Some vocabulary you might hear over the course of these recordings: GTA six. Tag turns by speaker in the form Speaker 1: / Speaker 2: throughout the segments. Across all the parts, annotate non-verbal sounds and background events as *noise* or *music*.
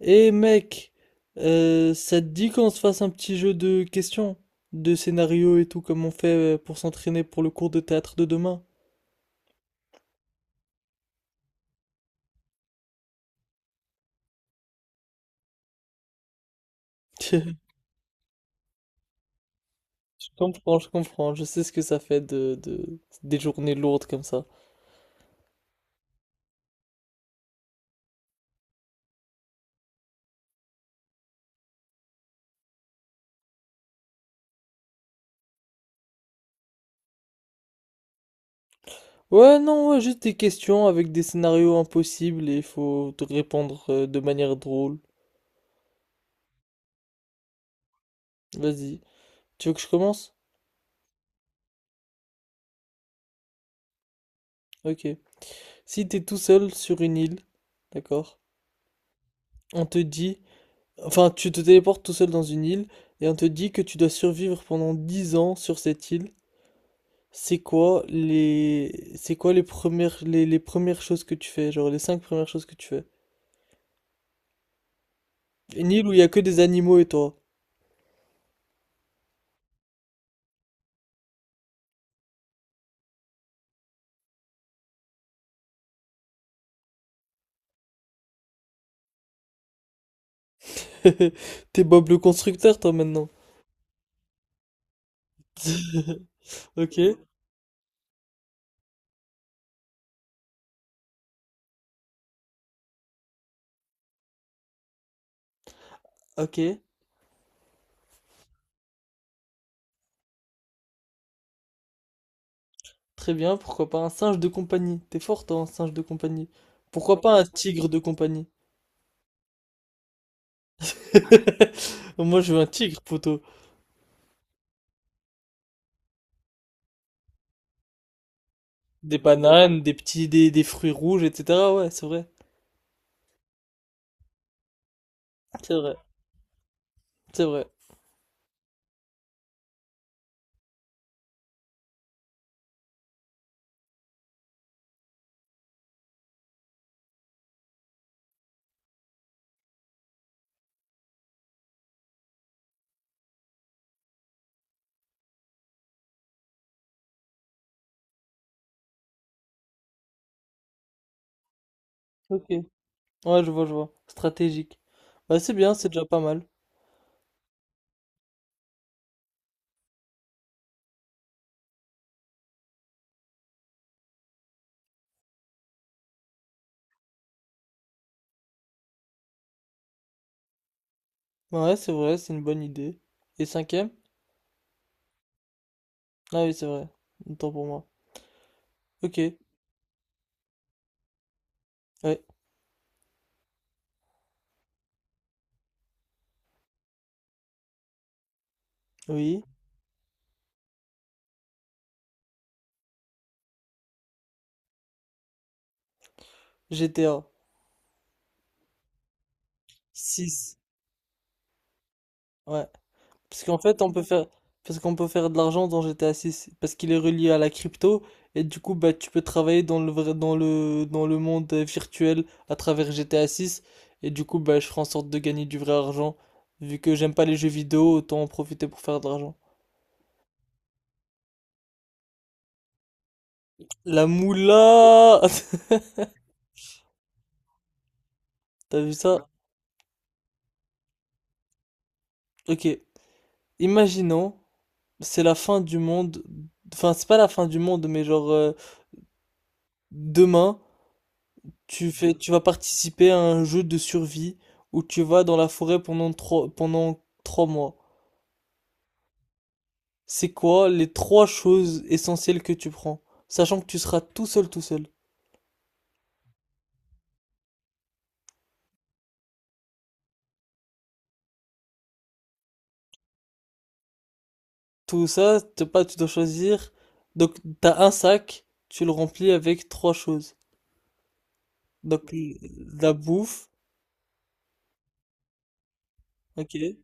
Speaker 1: Eh mec, ça te dit qu'on se fasse un petit jeu de questions, de scénarios et tout, comme on fait pour s'entraîner pour le cours de théâtre de demain? *laughs* Je comprends, je comprends, je sais ce que ça fait des journées lourdes comme ça. Ouais, non, ouais, juste des questions avec des scénarios impossibles et il faut te répondre de manière drôle. Vas-y. Tu veux que je commence? Ok. Si t'es tout seul sur une île, d'accord, on te dit. Enfin, tu te téléportes tout seul dans une île et on te dit que tu dois survivre pendant 10 ans sur cette île. C'est quoi les premières les premières choses que tu fais, genre les cinq premières choses que tu fais? Une île où il y a que des animaux et toi. *laughs* T'es Bob le constructeur toi maintenant. *laughs* Ok, ok, très bien. Pourquoi pas un singe de compagnie? T'es fort toi, un singe de compagnie. Pourquoi pas un tigre de compagnie? *laughs* Moi je veux un tigre, poteau. Des bananes, des petits des fruits rouges, etc. Ouais, c'est vrai, c'est vrai. C'est vrai. Ok. Ouais, je vois, je vois. Stratégique. Bah, c'est bien, c'est déjà pas mal. Bah ouais, c'est vrai, c'est une bonne idée. Et cinquième? Ah oui, c'est vrai. Autant pour moi. Ok. Ouais. Oui. GTA 6. Ouais. Parce qu'en fait, on peut faire... Parce qu'on peut faire de l'argent dans GTA 6. Parce qu'il est relié à la crypto. Et du coup, bah, tu peux travailler dans le vrai... dans le monde virtuel à travers GTA 6. Et du coup, bah, je ferai en sorte de gagner du vrai argent. Vu que j'aime pas les jeux vidéo, autant en profiter pour faire de l'argent. La moula! *laughs* T'as vu ça? Ok. Imaginons, c'est la fin du monde. Enfin, c'est pas la fin du monde, mais genre, demain, tu fais, tu vas participer à un jeu de survie où tu vas dans la forêt pendant 3 mois. C'est quoi les trois choses essentielles que tu prends? Sachant que tu seras tout seul, tout seul. Tout ça, t'as pas, tu dois choisir. Donc, t'as un sac, tu le remplis avec trois choses. Donc, la bouffe, ok.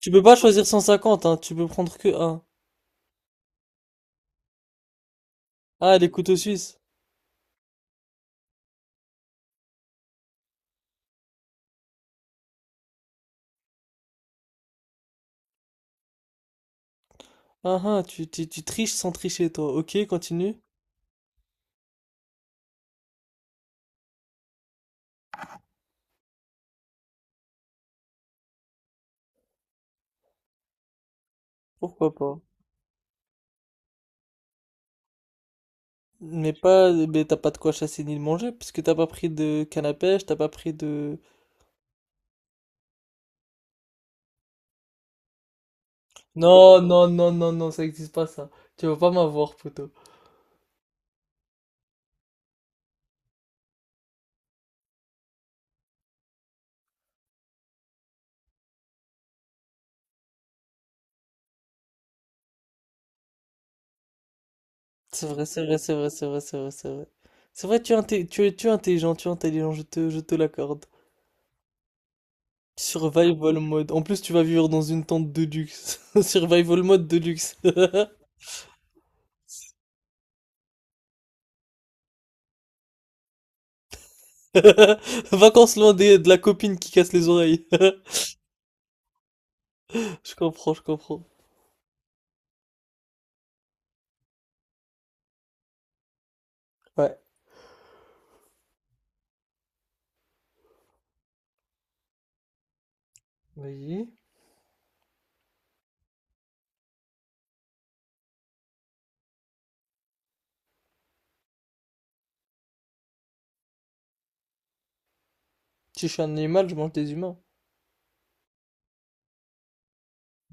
Speaker 1: Tu peux pas choisir 150, hein, tu peux prendre que un. Ah, les couteaux suisses. Ah ah, tu triches sans tricher, toi. Ok, continue. Pourquoi pas? Mais pas, mais t'as pas de quoi chasser ni de manger, puisque t'as pas pris de canne à pêche, t'as pas pris de... Non, ça existe pas, ça. Tu vas pas m'avoir, poteau. C'est vrai, c'est vrai, c'est vrai, c'est vrai, c'est vrai, c'est vrai. C'est vrai, tu es, tu es, tu es intelligent, je te l'accorde. Survival mode. En plus, tu vas vivre dans une tente de luxe. *laughs* Survival mode de luxe. *laughs* *laughs* Vacances de la copine qui casse les oreilles. *laughs* Je comprends, je comprends. Ouais. Voyez. Si je suis un animal, je mange des humains.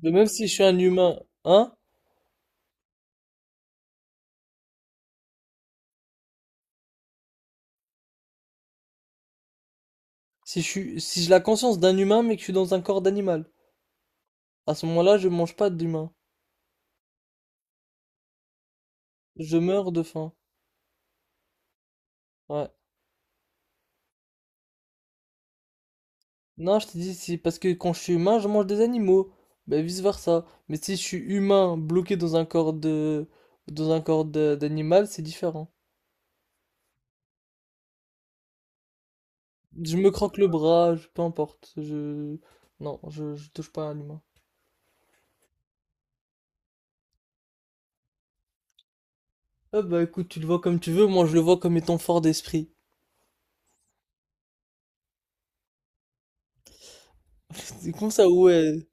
Speaker 1: Mais même si je suis un humain, hein? Si je suis, si j'ai la conscience d'un humain, mais que je suis dans un corps d'animal, à ce moment-là, je mange pas d'humain. Je meurs de faim. Ouais. Non, je t'ai dit, c'est parce que quand je suis humain, je mange des animaux. Ben vice-versa. Mais si je suis humain bloqué dans un corps dans un corps d'animal, c'est différent. Je me croque le bras, peu importe. Je... Non, je touche pas à l'humain. Ah bah écoute, tu le vois comme tu veux, moi je le vois comme étant fort d'esprit. *laughs* C'est comme ça, ouais.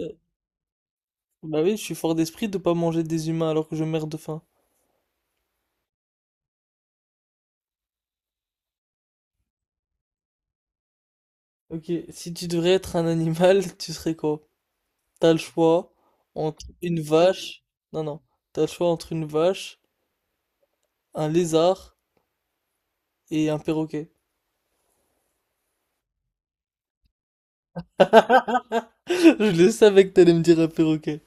Speaker 1: Euh, Bah oui, je suis fort d'esprit de pas manger des humains alors que je meurs de faim. Ok, si tu devrais être un animal, *laughs* tu serais quoi? T'as le choix entre une vache. Non, non. T'as le choix entre une vache, un lézard et un perroquet. *laughs* Je le savais que t'allais me dire un perroquet.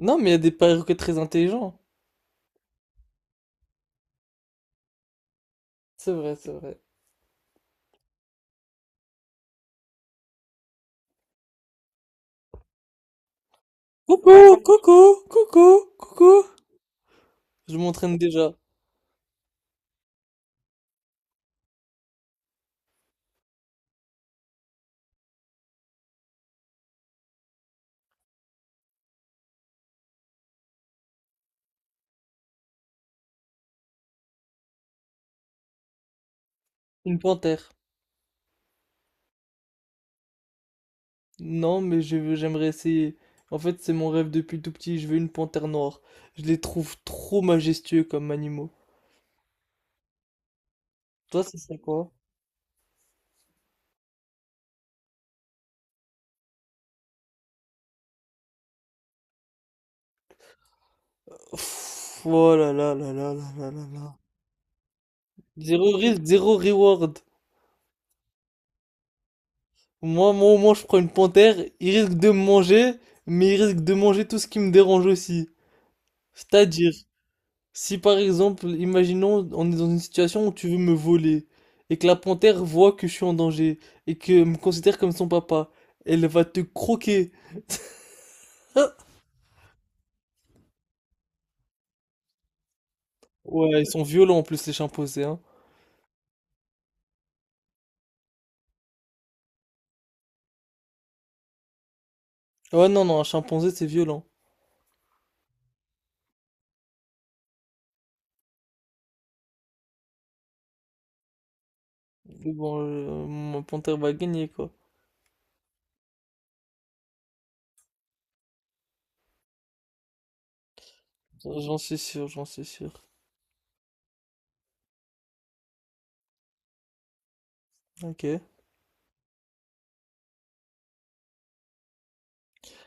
Speaker 1: Non, mais il y a des perroquets très intelligents. C'est vrai, c'est vrai. Coucou, coucou, coucou, coucou. Je m'entraîne déjà. Une panthère. Non, mais j'aimerais essayer. En fait, c'est mon rêve depuis tout petit. Je veux une panthère noire. Je les trouve trop majestueux comme animaux. Toi, ce serait quoi? Pff, oh là là là là là là là là. Zéro risque, zéro reward. Moi, au moins, je prends une panthère. Il risque de me manger, mais il risque de manger tout ce qui me dérange aussi. C'est-à-dire. Si par exemple, imaginons, on est dans une situation où tu veux me voler, et que la panthère voit que je suis en danger, et que me considère comme son papa, elle va te croquer. *laughs* Ouais, ils sont violents en plus les chimpanzés, hein. Ouais, non, non, un chimpanzé c'est violent. Mais bon, mon panthère va gagner, quoi. J'en suis sûr, j'en suis sûr. Ok.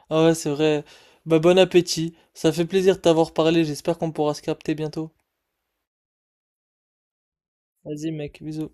Speaker 1: Ah ouais, c'est vrai. Bah bon appétit. Ça fait plaisir de t'avoir parlé, j'espère qu'on pourra se capter bientôt. Vas-y mec, bisous.